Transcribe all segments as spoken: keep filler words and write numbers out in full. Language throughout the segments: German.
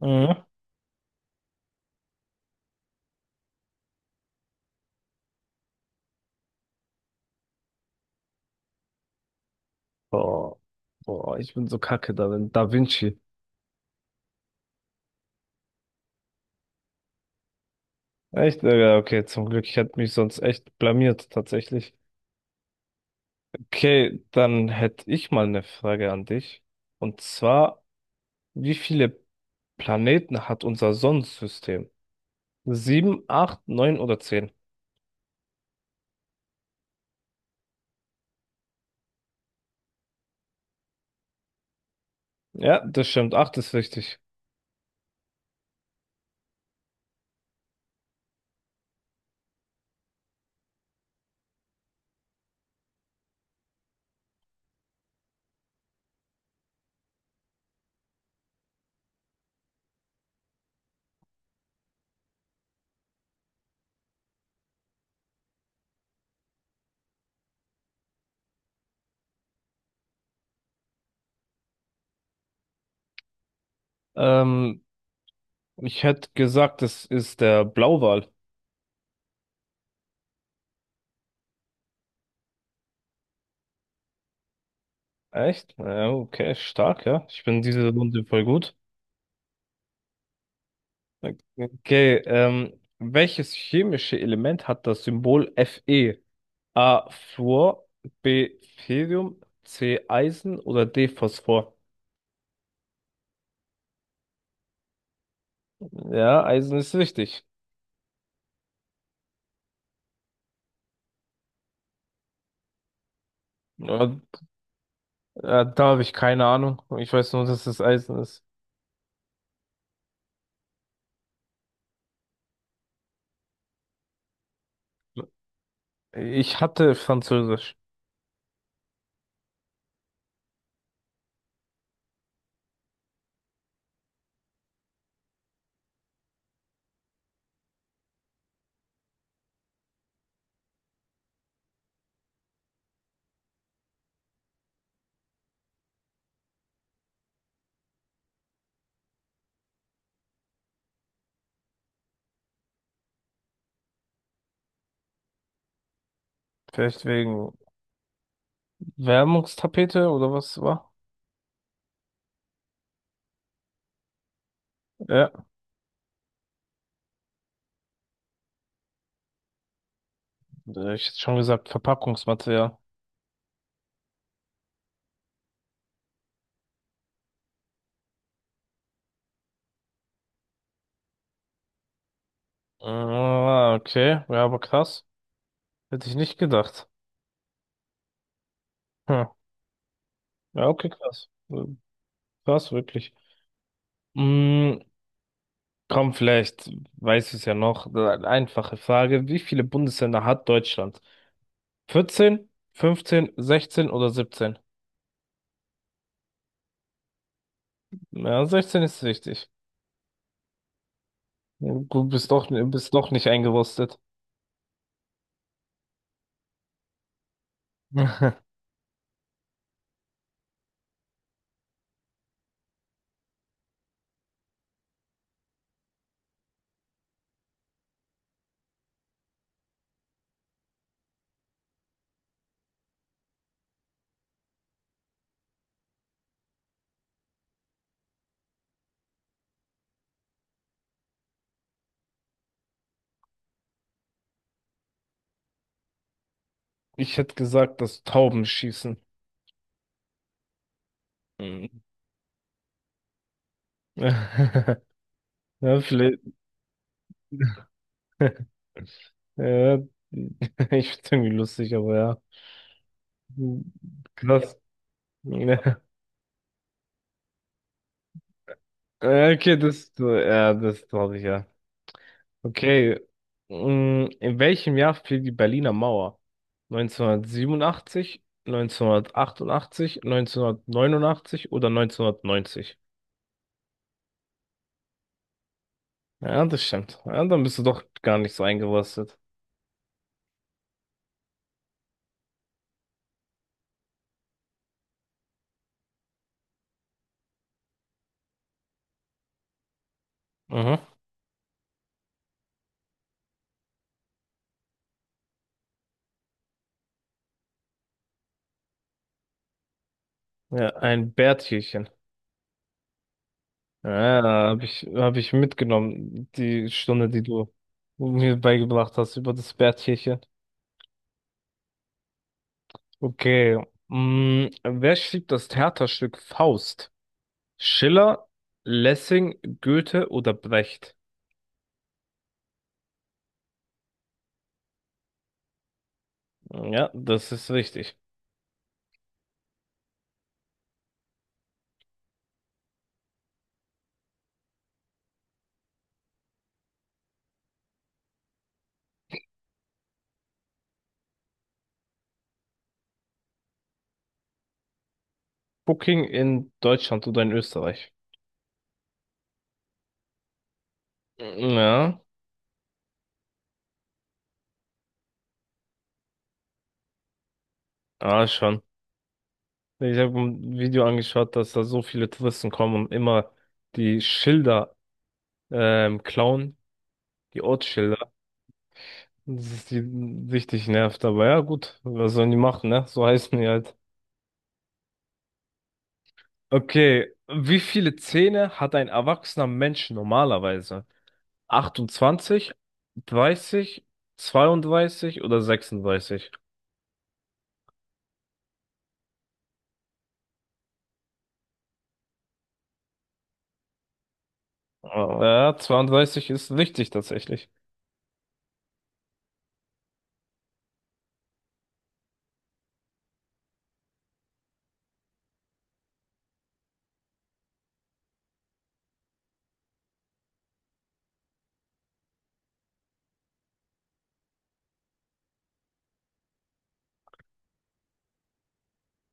Mhm. Boah, boah, ich bin so kacke darin. Da Vinci. Echt? Äh, Ja, okay, zum Glück. Ich hätte mich sonst echt blamiert, tatsächlich. Okay, dann hätte ich mal eine Frage an dich. Und zwar, wie viele Planeten hat unser Sonnensystem? Sieben, acht, neun oder zehn? Ja, das stimmt. Acht ist richtig. Ähm, Ich hätte gesagt, das ist der Blauwal. Echt? Ja, okay, stark, ja. Ich bin diese Runde voll gut. Okay, ähm, welches chemische Element hat das Symbol Fe? A. Fluor, B. Ferium, C. Eisen oder D. Phosphor? Ja, Eisen ist richtig. Ja, äh, da habe ich keine Ahnung. Ich weiß nur, dass es Eisen ist. Ich hatte Französisch. Vielleicht wegen Wärmungstapete oder was war? Ja, äh, ich hätte schon gesagt Verpackungsmaterial. Ah, okay, ja, aber krass. Hätte ich nicht gedacht. Hm. Ja, okay, krass. Äh, Krass, wirklich. Mm, Komm, vielleicht weißt du es ja noch. Eine Einfache Frage. Wie viele Bundesländer hat Deutschland? Vierzehn, fünfzehn, sechzehn oder siebzehn? Ja, sechzehn ist richtig. Du bist doch, bist doch nicht eingerostet. Ich hätte gesagt, das Tauben schießen. Mhm. Ja, vielleicht. Ja, ich find's irgendwie lustig, aber ja. Krass. Ja. Ja, Okay, das, ja, das traurig, ja. Okay. Mm, In welchem Jahr fiel die Berliner Mauer? Neunzehnhundertsiebenundachtzig, neunzehnhundertachtundachtzig, neunzehnhundertneunundachtzig oder neunzehnhundertneunzig? Ja, das stimmt. Ja, dann bist du doch gar nicht so eingerostet. Mhm. Ja, ein Bärtierchen. Ja, habe ich, hab ich mitgenommen, die Stunde, die du mir beigebracht hast über das Bärtierchen. Okay. Mm, wer schrieb das Theaterstück Faust? Schiller, Lessing, Goethe oder Brecht? Ja, das ist richtig. Booking in Deutschland oder in Österreich? Ja, ah, schon. Ich habe ein Video angeschaut, dass da so viele Touristen kommen und immer die Schilder ähm, klauen, die Ortsschilder. Das ist die richtig nervt, aber ja, gut, was sollen die machen, ne? So heißen die halt. Okay, wie viele Zähne hat ein erwachsener Mensch normalerweise? achtundzwanzig, dreißig, zweiunddreißig oder sechsunddreißig? Oh, Ja, zweiunddreißig ist richtig tatsächlich.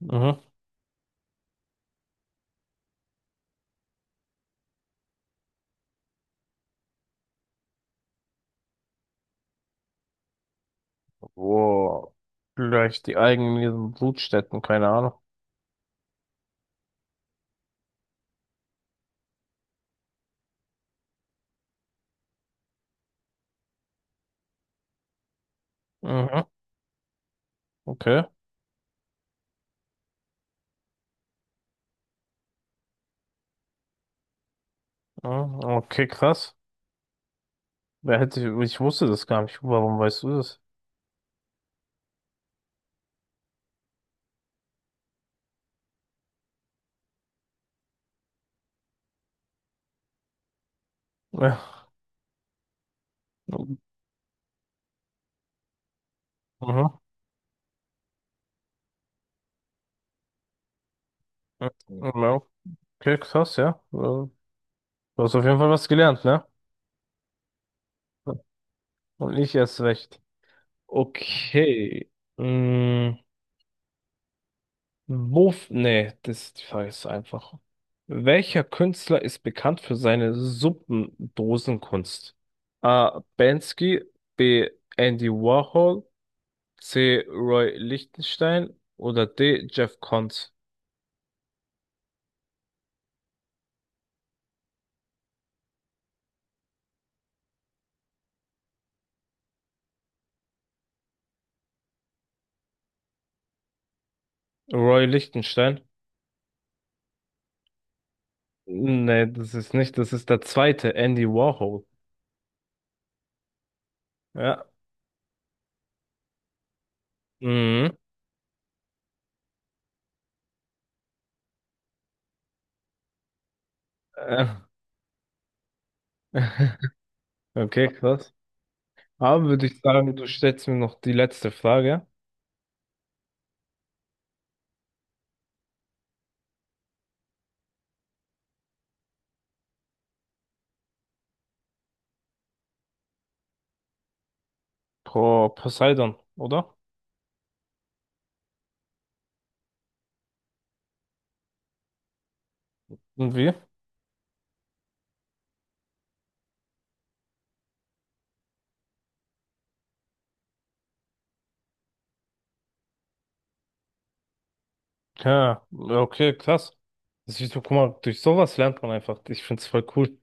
Mhm. wow. Vielleicht die eigenen Brutstätten, keine Ahnung. Mhm. Okay. Mhm, Okay, krass. Wer hätte, ich wusste das gar nicht. Warum weißt du das? Ja. Mhm. Ja, okay, krass, ja. Äh, Du hast auf jeden Fall was gelernt, ne? Und ich erst recht. Okay. Mm. Wo, f- nee, das, die Frage ist einfach. Welcher Künstler ist bekannt für seine Suppendosenkunst? A. Banksy, B. Andy Warhol, C. Roy Lichtenstein oder D. Jeff Koons? Roy Lichtenstein? Nee, das ist nicht, das ist der zweite, Andy Warhol. Ja. Mhm. Äh, Okay, krass. Aber würde ich sagen, du stellst mir noch die letzte Frage. Pro Poseidon, oder? Und wie? Ja, okay, krass. Das ist, guck mal, durch sowas lernt man einfach. Ich find's voll cool.